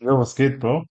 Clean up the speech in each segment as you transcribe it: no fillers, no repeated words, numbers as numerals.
Ja, was geht, Bro?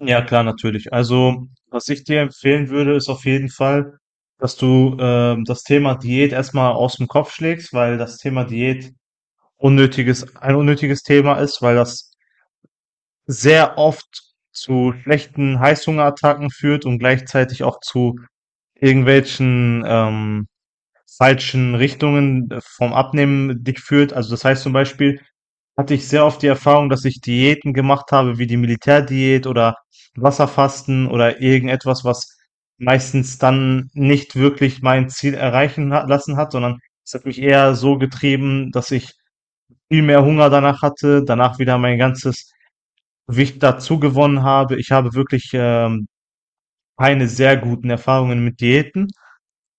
Ja, klar, natürlich. Also, was ich dir empfehlen würde, ist auf jeden Fall, dass du das Thema Diät erstmal aus dem Kopf schlägst, weil das Thema Diät ein unnötiges Thema ist, weil das sehr oft zu schlechten Heißhungerattacken führt und gleichzeitig auch zu irgendwelchen falschen Richtungen vom Abnehmen dich führt. Also das heißt zum Beispiel, hatte ich sehr oft die Erfahrung, dass ich Diäten gemacht habe, wie die Militärdiät oder Wasserfasten oder irgendetwas, was meistens dann nicht wirklich mein Ziel erreichen ha lassen hat, sondern es hat mich eher so getrieben, dass ich viel mehr Hunger danach hatte, danach wieder mein ganzes Gewicht dazu gewonnen habe. Ich habe wirklich, keine sehr guten Erfahrungen mit Diäten.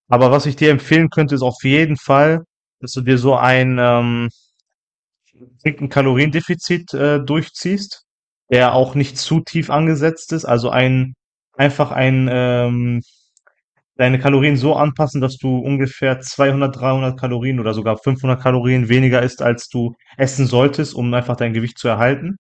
Aber was ich dir empfehlen könnte, ist auf jeden Fall, dass du dir so ein, strikten Kaloriendefizit durchziehst, der auch nicht zu tief angesetzt ist, also ein einfach ein deine Kalorien so anpassen, dass du ungefähr 200, 300 Kalorien oder sogar 500 Kalorien weniger isst, als du essen solltest, um einfach dein Gewicht zu erhalten.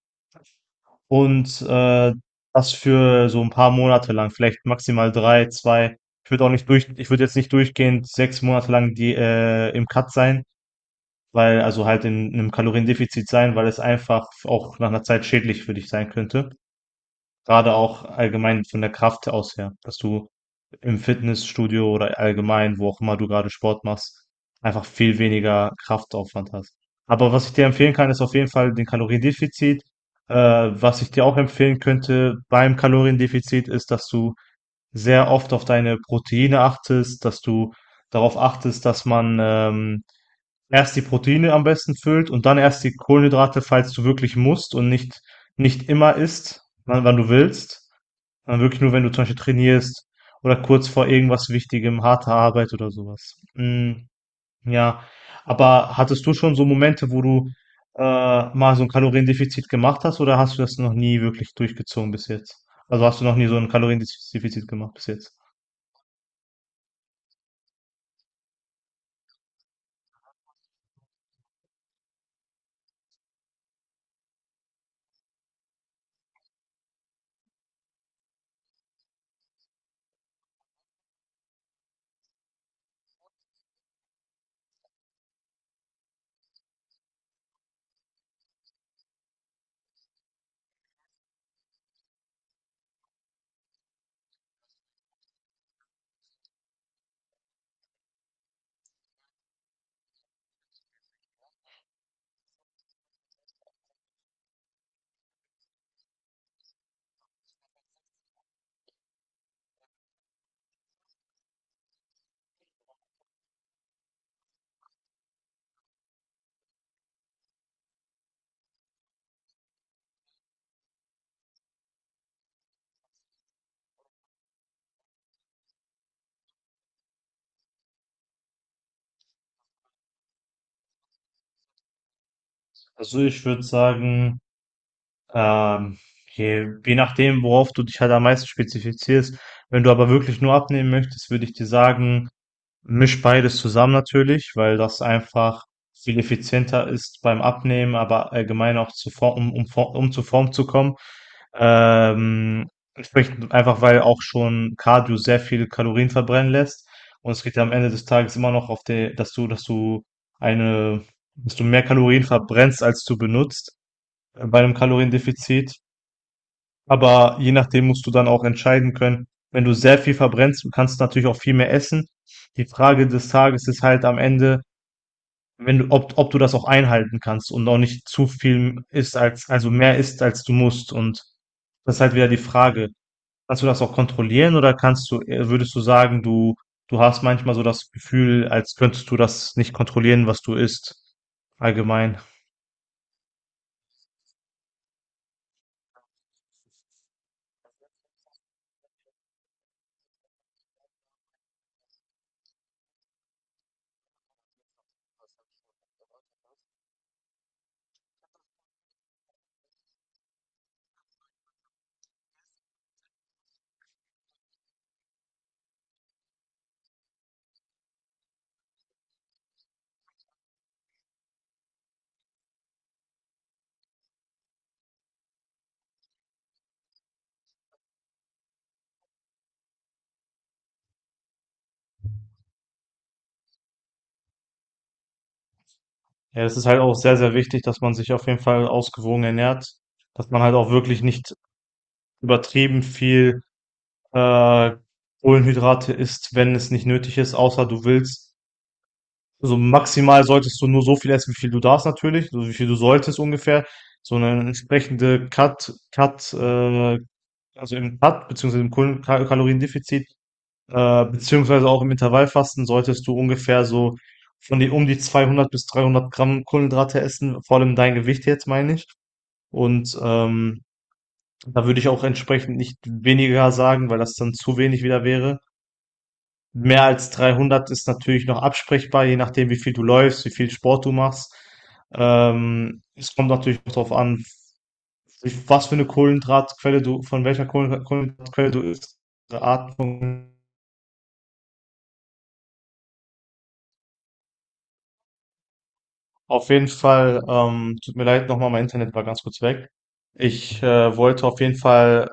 Und das für so ein paar Monate lang, vielleicht maximal drei, zwei. Ich würde auch nicht durch, ich würde jetzt nicht durchgehend 6 Monate lang die im Cut sein, weil, also halt in einem Kaloriendefizit sein, weil es einfach auch nach einer Zeit schädlich für dich sein könnte. Gerade auch allgemein von der Kraft aus her, dass du im Fitnessstudio oder allgemein, wo auch immer du gerade Sport machst, einfach viel weniger Kraftaufwand hast. Aber was ich dir empfehlen kann, ist auf jeden Fall den Kaloriendefizit. Was ich dir auch empfehlen könnte beim Kaloriendefizit, ist, dass du sehr oft auf deine Proteine achtest, dass du darauf achtest, dass man, erst die Proteine am besten füllt und dann erst die Kohlenhydrate, falls du wirklich musst, und nicht immer isst, wann du willst, sondern wirklich nur, wenn du zum Beispiel trainierst oder kurz vor irgendwas Wichtigem, harter Arbeit oder sowas. Was. Ja, aber hattest du schon so Momente, wo du, äh, mal so ein Kaloriendefizit gemacht hast, oder hast du das noch nie wirklich durchgezogen bis jetzt? Also, hast du noch nie so ein Kaloriendefizit gemacht bis jetzt? Also, ich würde sagen, Ähm, je, je nachdem, worauf du dich halt am meisten spezifizierst. Wenn du aber wirklich nur abnehmen möchtest, würde ich dir sagen, misch beides zusammen natürlich, weil das einfach viel effizienter ist beim Abnehmen, aber allgemein auch zu Form, um zu Form zu kommen. Ähm, Entsprechend einfach, weil auch schon Cardio sehr viele Kalorien verbrennen lässt. Und es geht ja am Ende des Tages immer noch auf der, eine, dass du mehr Kalorien verbrennst, als du benutzt bei einem Kaloriendefizit. Aber je nachdem musst du dann auch entscheiden können. Wenn du sehr viel verbrennst, du kannst du natürlich auch viel mehr essen. Die Frage des Tages ist halt am Ende, wenn du, ob, ob du das auch einhalten kannst und auch nicht zu viel isst als, also mehr isst als du musst. Und das ist halt wieder die Frage. Kannst du das auch kontrollieren, oder würdest du sagen, du hast manchmal so das Gefühl, als könntest du das nicht kontrollieren, was du isst? Allgemein. Ja, das ist halt auch sehr, sehr wichtig, dass man sich auf jeden Fall ausgewogen ernährt, dass man halt auch wirklich nicht übertrieben viel äh, Kohlenhydrate isst, wenn es nicht nötig ist, außer du willst. Also maximal solltest du nur so viel essen, wie viel du darfst natürlich, so wie viel du solltest ungefähr. So eine entsprechende also im Cut, beziehungsweise im Kaloriendefizit, beziehungsweise auch im Intervallfasten solltest du ungefähr so um die 200 bis 300 Gramm Kohlenhydrate essen, vor allem dein Gewicht jetzt, meine ich. Und da würde ich auch entsprechend nicht weniger sagen, weil das dann zu wenig wieder wäre. Mehr als 300 ist natürlich noch absprechbar, je nachdem, wie viel du läufst, wie viel Sport du machst. Es kommt natürlich auch darauf an, was für eine Kohlenhydratquelle du isst. Diese Art von- Auf jeden Fall, tut mir leid, nochmal, mein Internet war ganz kurz weg. Ich wollte auf jeden Fall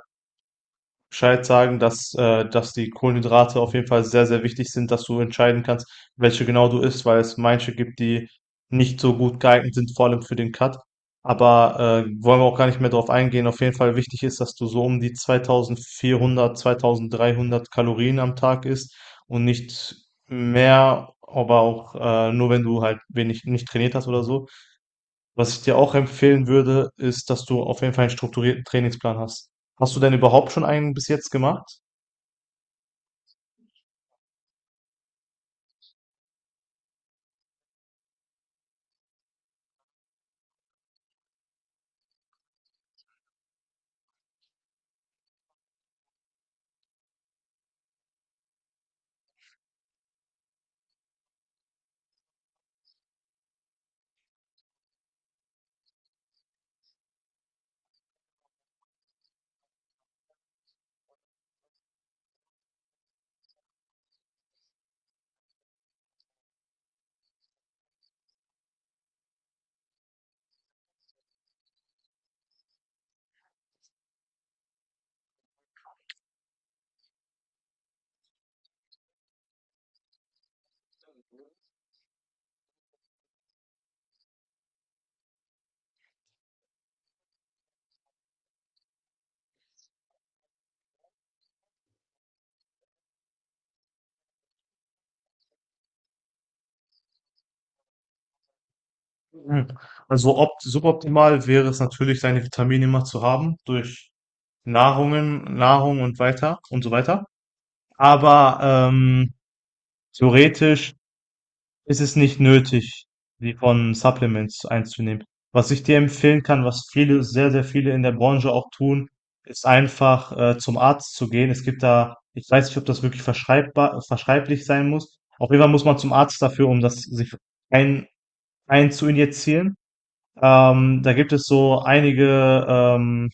Bescheid sagen, dass die Kohlenhydrate auf jeden Fall sehr, sehr wichtig sind, dass du entscheiden kannst, welche genau du isst, weil es manche gibt, die nicht so gut geeignet sind, vor allem für den Cut. Aber wollen wir auch gar nicht mehr drauf eingehen. Auf jeden Fall wichtig ist, dass du so um die 2400, 2300 Kalorien am Tag isst und nicht mehr, aber auch nur wenn du halt wenig nicht trainiert hast oder so. Was ich dir auch empfehlen würde, ist, dass du auf jeden Fall einen strukturierten Trainingsplan hast. Hast du denn überhaupt schon einen bis jetzt gemacht? Mhm. Also opt suboptimal wäre es natürlich, seine Vitamine immer zu haben durch Nahrung und weiter und so weiter. Aber ähm, theoretisch, es ist nicht nötig, die von Supplements einzunehmen. Was ich dir empfehlen kann, was viele, sehr, sehr viele in der Branche auch tun, ist einfach zum Arzt zu gehen. Es gibt da, ich weiß nicht, ob das wirklich verschreiblich sein muss. Auf jeden Fall muss man zum Arzt dafür, um das sich ein, ein zu injizieren. Da gibt es so einige ähm,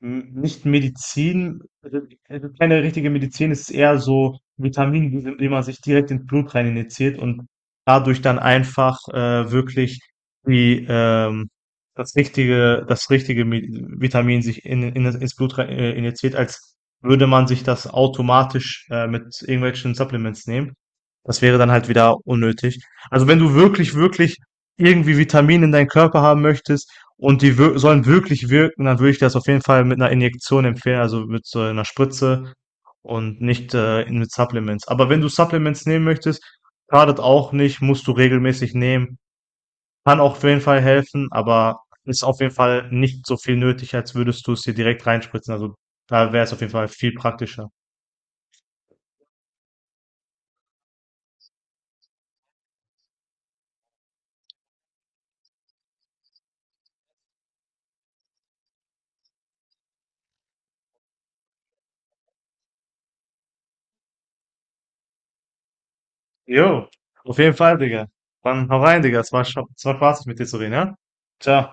hm, nicht Medizin, also keine richtige Medizin, es ist eher so Vitamine, die sind- die man sich direkt ins Blut rein injiziert und dadurch dann einfach wirklich die, ähm, das richtige Vitamin sich ins Blut rein, injiziert, als würde man sich das automatisch mit irgendwelchen Supplements nehmen. Das wäre dann halt wieder unnötig. Also wenn du wirklich, wirklich irgendwie Vitamine in deinen Körper haben möchtest, und die wir sollen wirklich wirken, dann würde ich das auf jeden Fall mit einer Injektion empfehlen, also mit so einer Spritze und nicht, mit Supplements. Aber wenn du Supplements nehmen möchtest, schadet auch nicht, musst du regelmäßig nehmen. Kann auch auf jeden Fall helfen, aber ist auf jeden Fall nicht so viel nötig, als würdest du es dir direkt reinspritzen. Also, da wäre es auf jeden Fall viel praktischer. Jo, auf jeden Fall, Digga. Dann hau rein, Digga. Es war spaßig, mit dir zu reden, ja? Ciao.